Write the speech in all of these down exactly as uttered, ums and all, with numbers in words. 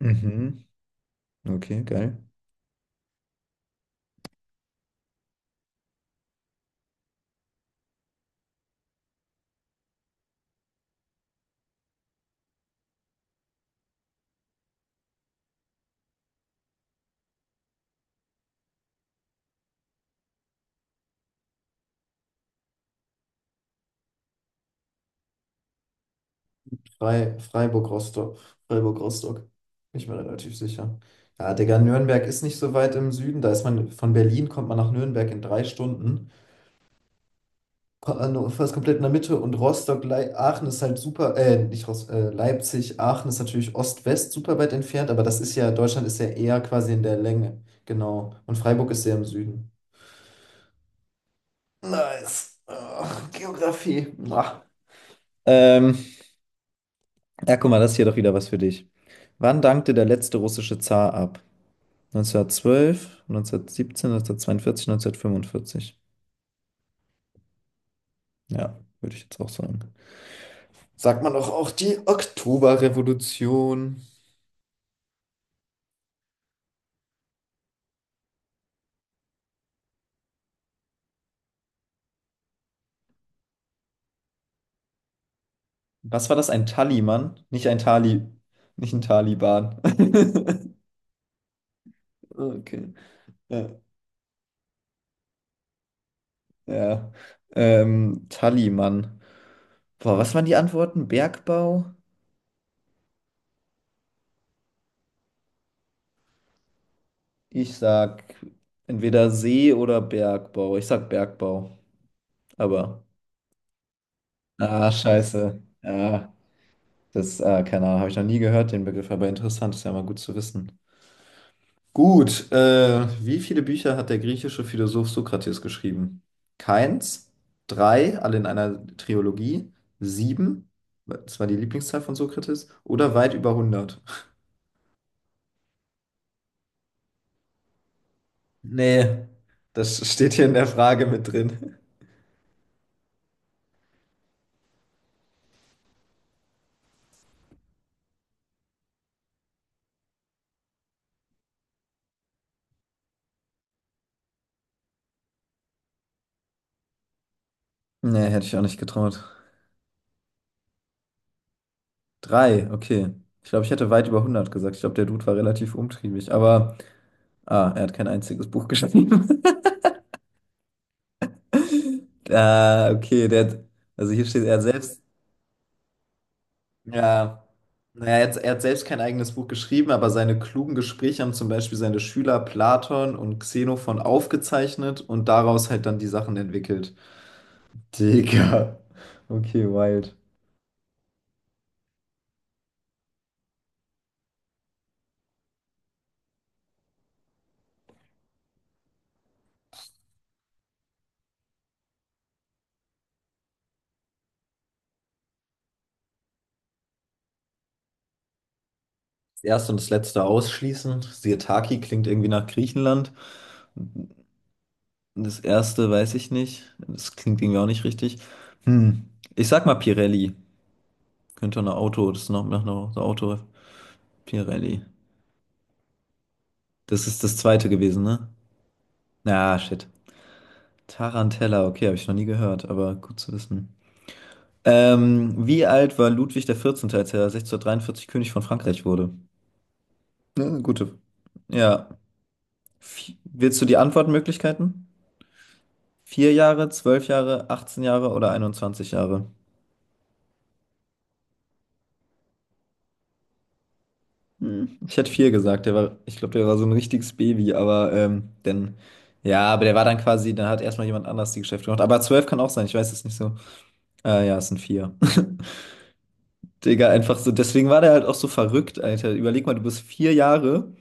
Mhm. Okay, geil. Frei, Freiburg-Rostock. Freiburg-Rostock. Bin ich mir relativ sicher. Ja, Digga, Nürnberg ist nicht so weit im Süden. Da ist man, von Berlin kommt man nach Nürnberg in drei Stunden. Ko- äh, Fast komplett in der Mitte. Und Rostock, Lei Aachen ist halt super, äh, nicht Rost, äh, Leipzig, Aachen ist natürlich Ost-West super weit entfernt, aber das ist ja, Deutschland ist ja eher quasi in der Länge. Genau. Und Freiburg ist sehr im Süden. Nice. Ach, Geografie. Ah. Ähm, Ja, guck mal, das ist hier doch wieder was für dich. Wann dankte der letzte russische Zar ab? neunzehnhundertzwölf, neunzehnhundertsiebzehn, neunzehnhundertzweiundvierzig, neunzehnhundertfünfundvierzig. Ja, würde ich jetzt auch sagen. Sagt man doch auch die Oktoberrevolution. Was war das? Ein Taliban? Nicht ein Tali, nicht ein Taliban. Okay. Ja. ja. Ähm, Taliban. Boah, was waren die Antworten? Bergbau? Ich sag entweder See oder Bergbau. Ich sag Bergbau. Aber. Ah, scheiße. Ja, das, äh, keine Ahnung, habe ich noch nie gehört, den Begriff, aber interessant, ist ja mal gut zu wissen. Gut, äh, wie viele Bücher hat der griechische Philosoph Sokrates geschrieben? Keins, drei, alle in einer Trilogie, sieben, das war die Lieblingszahl von Sokrates, oder weit über hundert? Nee, das steht hier in der Frage mit drin. Nee, hätte ich auch nicht getraut. Drei, okay. Ich glaube, ich hätte weit über hundert gesagt. Ich glaube, der Dude war relativ umtriebig, aber ah, er hat kein einziges Buch geschrieben. Ah, okay, der hat, also hier steht, er hat selbst, ja, naja, jetzt, er hat selbst kein eigenes Buch geschrieben, aber seine klugen Gespräche haben zum Beispiel seine Schüler Platon und Xenophon aufgezeichnet und daraus halt dann die Sachen entwickelt. Digga. Okay, wild. Das erste und das letzte ausschließen. Sirtaki klingt irgendwie nach Griechenland. Und das erste weiß ich nicht. Das klingt irgendwie auch nicht richtig. Hm. Ich sag mal Pirelli. Könnte ein Auto, das ist noch nach einer Auto. Pirelli. Das ist das zweite gewesen, ne? Na, shit. Tarantella, okay, habe ich noch nie gehört, aber gut zu wissen. Ähm, wie alt war Ludwig der Vierzehnte., als er sechzehnhundertdreiundvierzig König von Frankreich wurde? Ja, gute. Ja. Vi- Willst du die Antwortmöglichkeiten? Vier Jahre, zwölf Jahre, achtzehn Jahre oder einundzwanzig Jahre? Hm. Ich hätte vier gesagt, der war, ich glaube, der war so ein richtiges Baby, aber ähm, denn, ja, aber der war dann quasi, dann hat erstmal jemand anders die Geschäfte gemacht. Aber zwölf kann auch sein, ich weiß es nicht so. Äh, ja, es sind vier. Digga, einfach so. Deswegen war der halt auch so verrückt, Alter. Überleg mal, du bist vier Jahre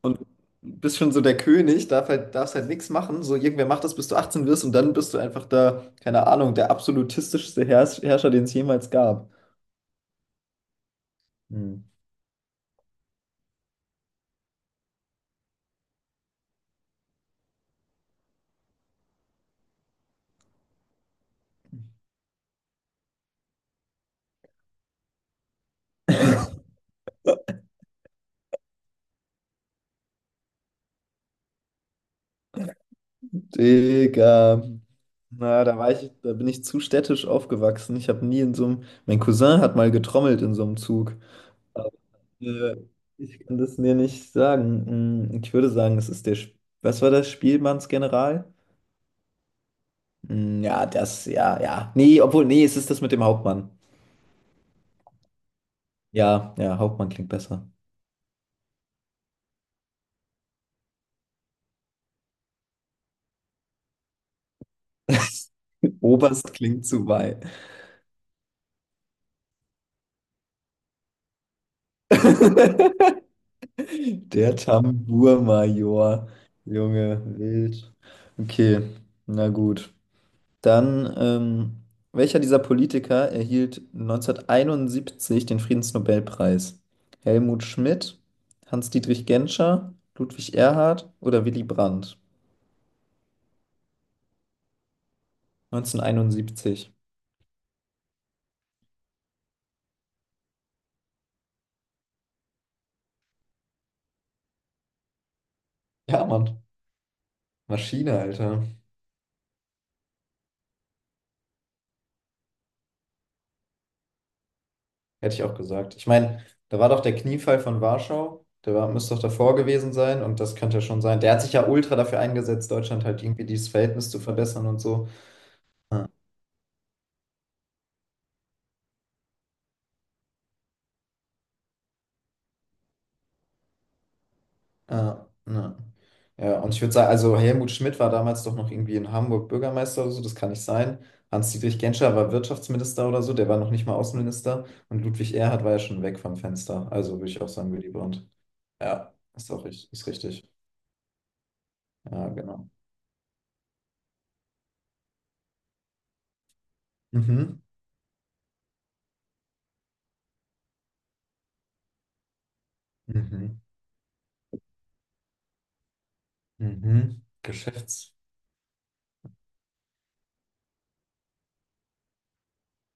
und bist schon so der König, darf halt, darfst halt nichts machen. So, irgendwer macht das, bis du achtzehn wirst und dann bist du einfach da, keine Ahnung, der absolutistischste Herrs Herrscher, den es jemals gab. Hm. Digga. Na, da war ich, da bin ich zu städtisch aufgewachsen. Ich habe nie in so einem. Mein Cousin hat mal getrommelt in so einem Zug. Aber, äh, ich kann das mir nicht sagen. Hm, Ich würde sagen, es ist der. Sp- Was war das? Spielmannsgeneral? Mm, Ja, das, ja, ja. Nee, obwohl, nee, es ist das mit dem Hauptmann. Ja, ja, Hauptmann klingt besser. Oberst klingt zu weit. Der Tambourmajor. Junge, wild. Okay, na gut. Dann, ähm, welcher dieser Politiker erhielt neunzehnhunderteinundsiebzig den Friedensnobelpreis? Helmut Schmidt, Hans-Dietrich Genscher, Ludwig Erhard oder Willy Brandt? neunzehnhunderteinundsiebzig. Ja, Mann. Maschine, Alter. Hätte ich auch gesagt. Ich meine, da war doch der Kniefall von Warschau. Der war, müsste doch davor gewesen sein und das könnte ja schon sein. Der hat sich ja ultra dafür eingesetzt, Deutschland halt irgendwie dieses Verhältnis zu verbessern und so. Ja, ja, ja. Ja, und ich würde sagen, also Helmut Schmidt war damals doch noch irgendwie in Hamburg Bürgermeister oder so, das kann nicht sein. Hans-Dietrich Genscher war Wirtschaftsminister oder so, der war noch nicht mal Außenminister. Und Ludwig Erhard war ja schon weg vom Fenster. Also würde ich auch sagen, Willy Brandt. Ja, ist auch richtig, ist richtig. Ja, genau. Mhm. Mhm. Mhm.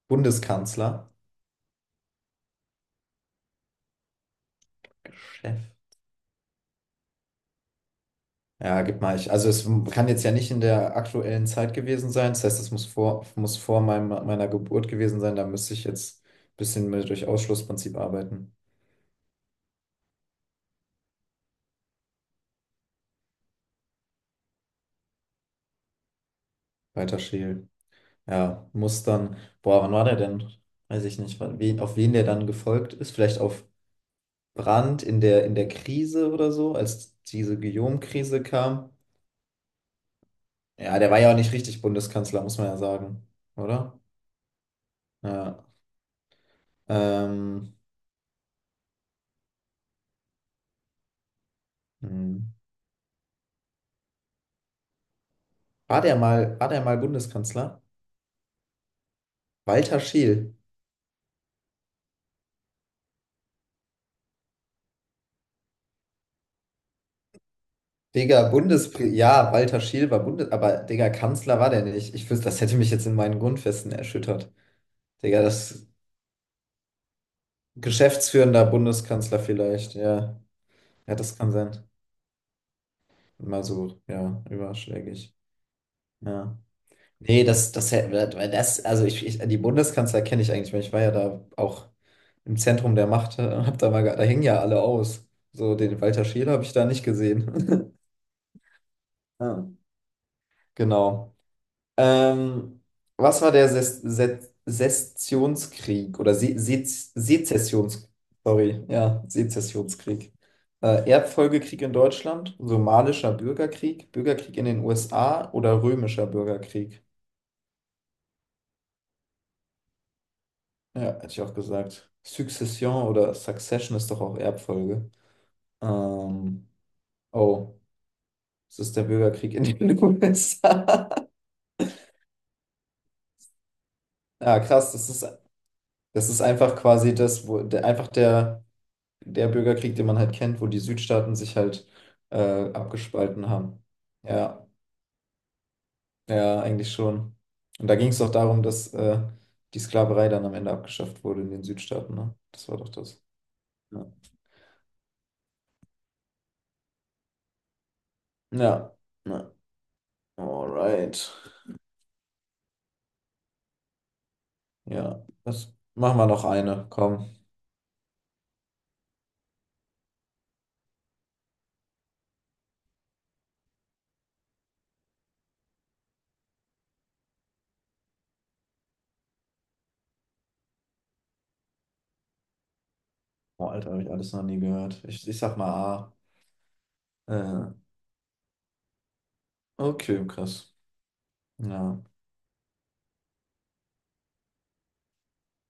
Geschäftsbundeskanzler. Chef. Ja, gib mal ich. Also es kann jetzt ja nicht in der aktuellen Zeit gewesen sein. Das heißt, es muss vor, muss vor meinem, meiner Geburt gewesen sein. Da müsste ich jetzt ein bisschen mit durch Ausschlussprinzip arbeiten. Weiter schälen. Ja, muss dann. Boah, wann war der denn? Weiß ich nicht. Wann- Wen, auf wen der dann gefolgt ist? Vielleicht auf Brandt in der, in der Krise oder so, als diese Guillaume-Krise kam. Ja, der war ja auch nicht richtig Bundeskanzler, muss man ja sagen. Oder? Ja. Ähm, hm. war der mal, war der mal Bundeskanzler? Walter Scheel. Digga, Bundespr Ja, Walter Scheel war Bundes... Aber, Digga, Kanzler war der nicht. Ich wüsste, das hätte mich jetzt in meinen Grundfesten erschüttert. Digga, das geschäftsführender Bundeskanzler vielleicht. Ja, ja, das kann sein. Mal so, ja, überschlägig. Ja. Nee, das, das, hä- weil das, also ich, ich, die Bundeskanzler kenne ich eigentlich, weil ich war ja da auch im Zentrum der Macht, äh, hab da mal, ge- da hängen ja alle aus. So, den Walter Scheel habe ich da nicht gesehen. Ja, genau. Ähm, was war der Ses Se Sessionskrieg oder Se Se Sezessions sorry, ja, Sezessionskrieg? Äh, Erbfolgekrieg in Deutschland, somalischer Bürgerkrieg, Bürgerkrieg in den U S A oder römischer Bürgerkrieg? Ja, hätte ich auch gesagt. Succession oder Succession ist doch auch Erbfolge. Ähm, oh, es ist der Bürgerkrieg in den U S A. Ja, krass, das ist, das ist einfach quasi das, wo der, einfach der. Der Bürgerkrieg, den man halt kennt, wo die Südstaaten sich halt äh, abgespalten haben. Ja, ja, eigentlich schon. Und da ging es doch darum, dass äh, die Sklaverei dann am Ende abgeschafft wurde in den Südstaaten, ne? Das war doch das. Ja. Ja. ja. Alright. Ja, das machen wir noch eine. Komm. Oh, Alter, habe ich alles noch nie gehört. Ich, ich sag mal A. Äh, okay, krass. Ja.